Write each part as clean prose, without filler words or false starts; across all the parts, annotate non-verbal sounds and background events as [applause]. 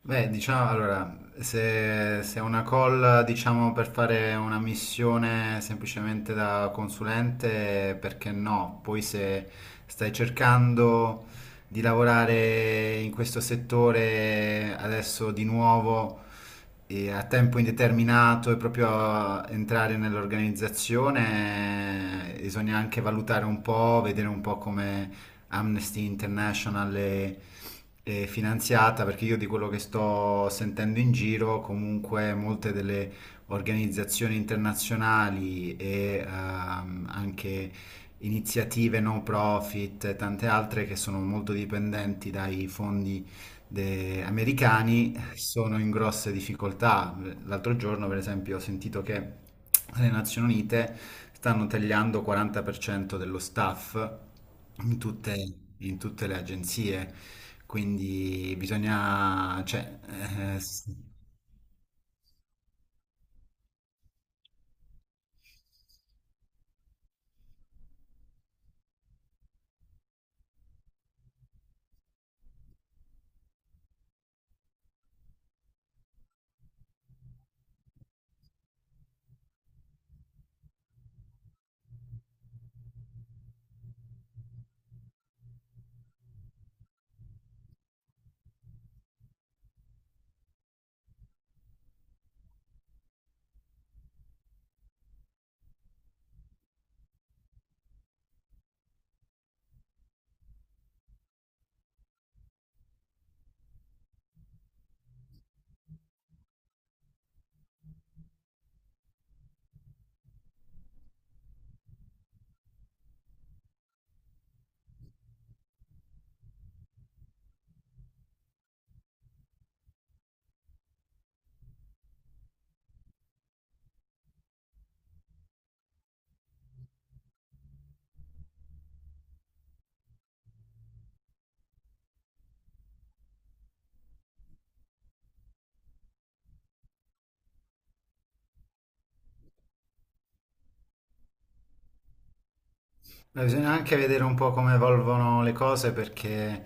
Beh, diciamo, allora, se è una call, diciamo, per fare una missione semplicemente da consulente, perché no? Poi se stai cercando di lavorare in questo settore adesso di nuovo, e a tempo indeterminato e proprio a entrare nell'organizzazione, bisogna anche valutare un po', vedere un po' come Amnesty International e finanziata, perché io di quello che sto sentendo in giro, comunque molte delle organizzazioni internazionali e anche iniziative non profit e tante altre che sono molto dipendenti dai fondi americani sono in grosse difficoltà. L'altro giorno, per esempio, ho sentito che le Nazioni Unite stanno tagliando 40% dello staff in tutte le agenzie, quindi bisogna, cioè, eh, s- beh, bisogna anche vedere un po' come evolvono le cose perché,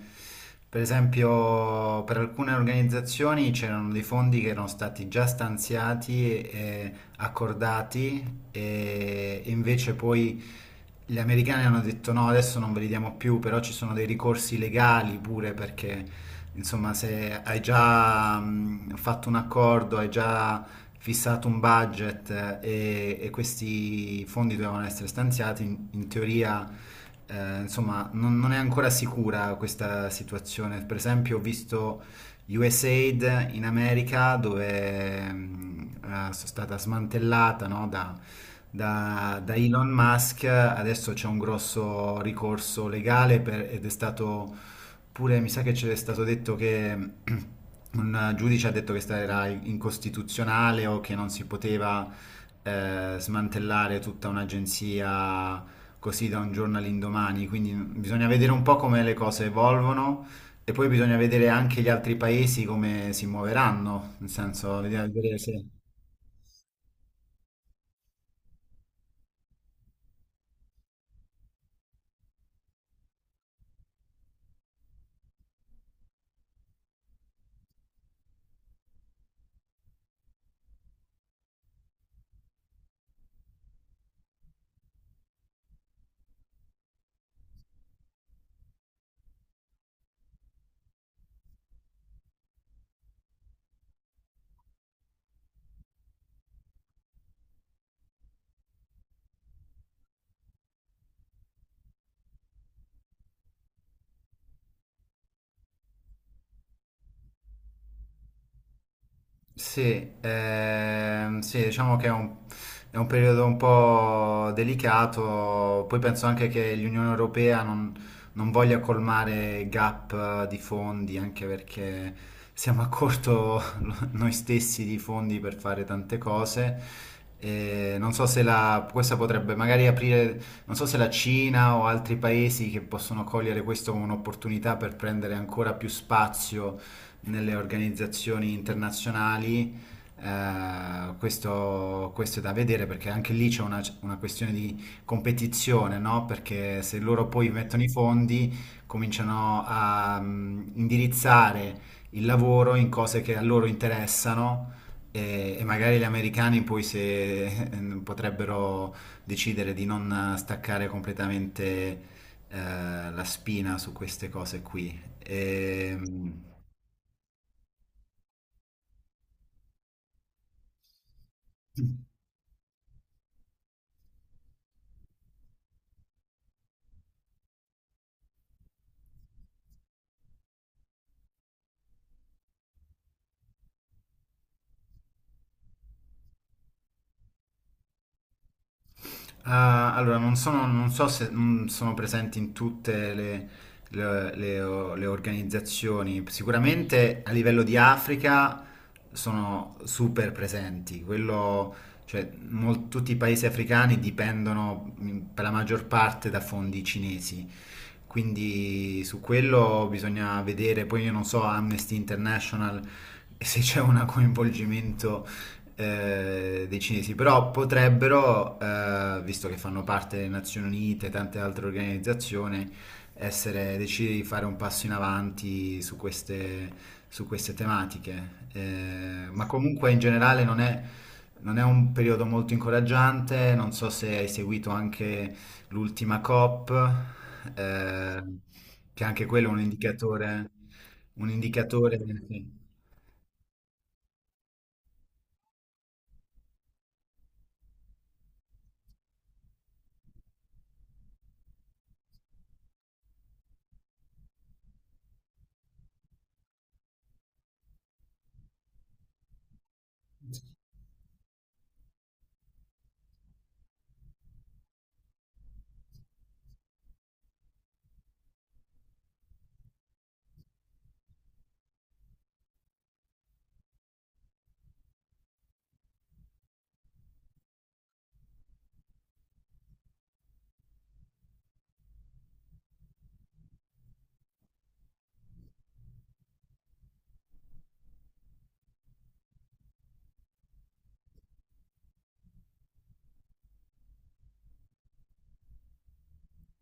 per esempio, per alcune organizzazioni c'erano dei fondi che erano stati già stanziati e accordati e invece poi gli americani hanno detto no, adesso non ve li diamo più, però ci sono dei ricorsi legali pure perché, insomma, se hai già fatto un accordo, hai già fissato un budget e questi fondi dovevano essere stanziati, in teoria insomma non è ancora sicura questa situazione. Per esempio ho visto USAID in America dove sono stata smantellata no, da Elon Musk, adesso c'è un grosso ricorso legale ed è stato pure mi sa che c'è stato detto che [clears throat] un giudice ha detto che era incostituzionale o che non si poteva smantellare tutta un'agenzia così da un giorno all'indomani, quindi bisogna vedere un po' come le cose evolvono e poi bisogna vedere anche gli altri paesi come si muoveranno, nel senso, vedere se... Sì, sì, diciamo che è è un periodo un po' delicato, poi penso anche che l'Unione Europea non voglia colmare gap di fondi, anche perché siamo a corto [laughs] noi stessi di fondi per fare tante cose. E non so se questa potrebbe magari aprire, non so se la Cina o altri paesi che possono cogliere questo come un'opportunità per prendere ancora più spazio nelle organizzazioni internazionali, questo è da vedere perché anche lì c'è una questione di competizione, no? Perché se loro poi mettono i fondi, cominciano a indirizzare il lavoro in cose che a loro interessano. E magari gli americani poi se [laughs] potrebbero decidere di non staccare completamente la spina su queste cose qui. E, ah, allora, non so se sono presenti in tutte le organizzazioni. Sicuramente a livello di Africa sono super presenti. Quello, cioè, tutti i paesi africani dipendono per la maggior parte da fondi cinesi. Quindi su quello bisogna vedere. Poi io non so, Amnesty International, [laughs] se c'è un coinvolgimento dei cinesi, però potrebbero, visto che fanno parte delle Nazioni Unite e tante altre organizzazioni, essere, decidere di fare un passo in avanti su queste tematiche. Ma comunque in generale non è un periodo molto incoraggiante, non so se hai seguito anche l'ultima COP, eh, che anche quello è un indicatore...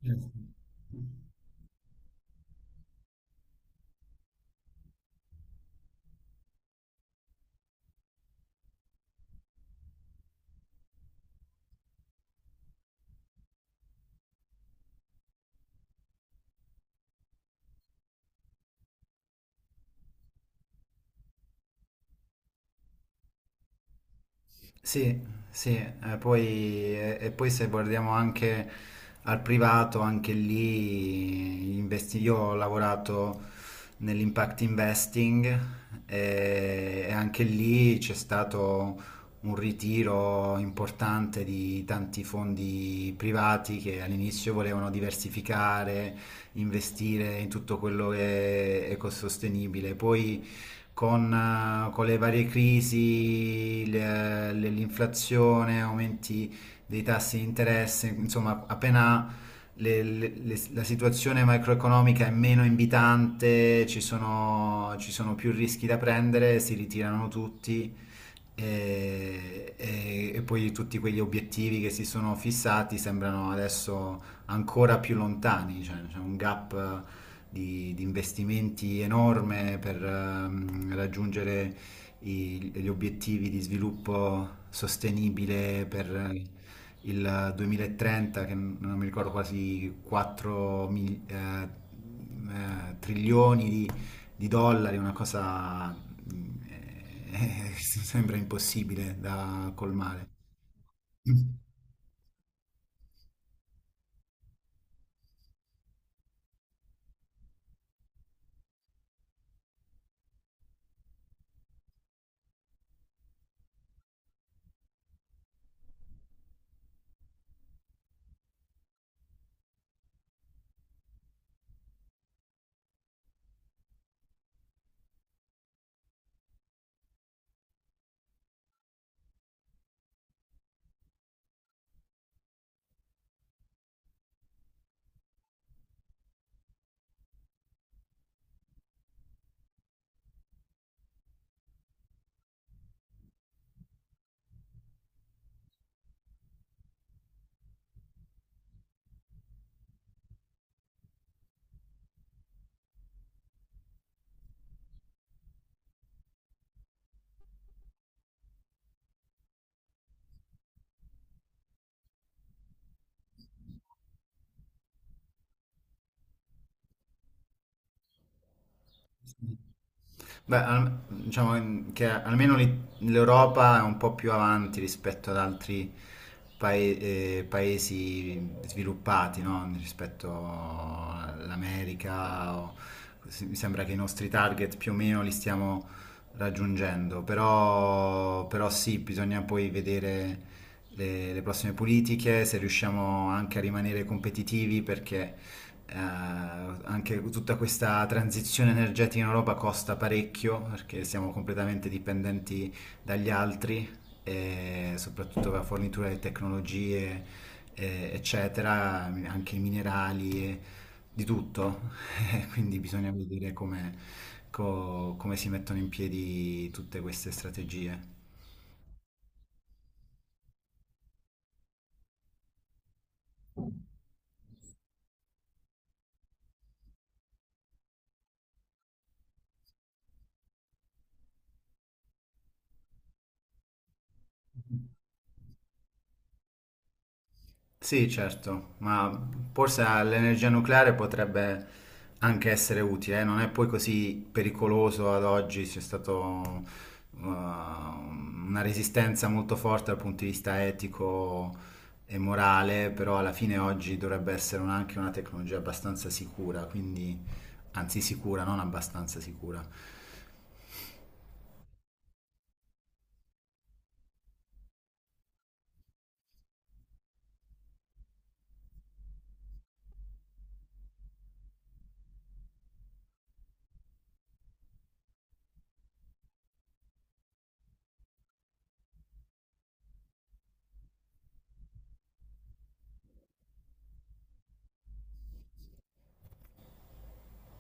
Sì, sì, sì, e poi se guardiamo anche al privato, anche lì io ho lavorato nell'impact investing e anche lì c'è stato un ritiro importante di tanti fondi privati che all'inizio volevano diversificare, investire in tutto quello che è ecosostenibile, poi con le varie crisi, l'inflazione, aumenti dei tassi di interesse, insomma, appena la situazione macroeconomica è meno invitante, ci sono più rischi da prendere, si ritirano tutti e poi tutti quegli obiettivi che si sono fissati sembrano adesso ancora più lontani, cioè c'è un gap di investimenti enorme per raggiungere gli obiettivi di sviluppo sostenibile per il 2030, che non mi ricordo quasi 4 trilioni di dollari, una cosa mm, [laughs] sembra impossibile da colmare. Beh, diciamo che almeno l'Europa è un po' più avanti rispetto ad altri pae- paesi sviluppati, no? Rispetto all'America. Mi sembra che i nostri target più o meno li stiamo raggiungendo, però sì, bisogna poi vedere le prossime politiche, se riusciamo anche a rimanere competitivi, perché anche tutta questa transizione energetica in Europa costa parecchio perché siamo completamente dipendenti dagli altri, e soprattutto la fornitura di tecnologie, eccetera, anche i minerali, e di tutto. [laughs] Quindi bisogna vedere come si mettono in piedi tutte queste strategie. Sì, certo, ma forse l'energia nucleare potrebbe anche essere utile, non è poi così pericoloso ad oggi, c'è stata una resistenza molto forte dal punto di vista etico e morale, però alla fine oggi dovrebbe essere anche una tecnologia abbastanza sicura, quindi, anzi sicura, non abbastanza sicura.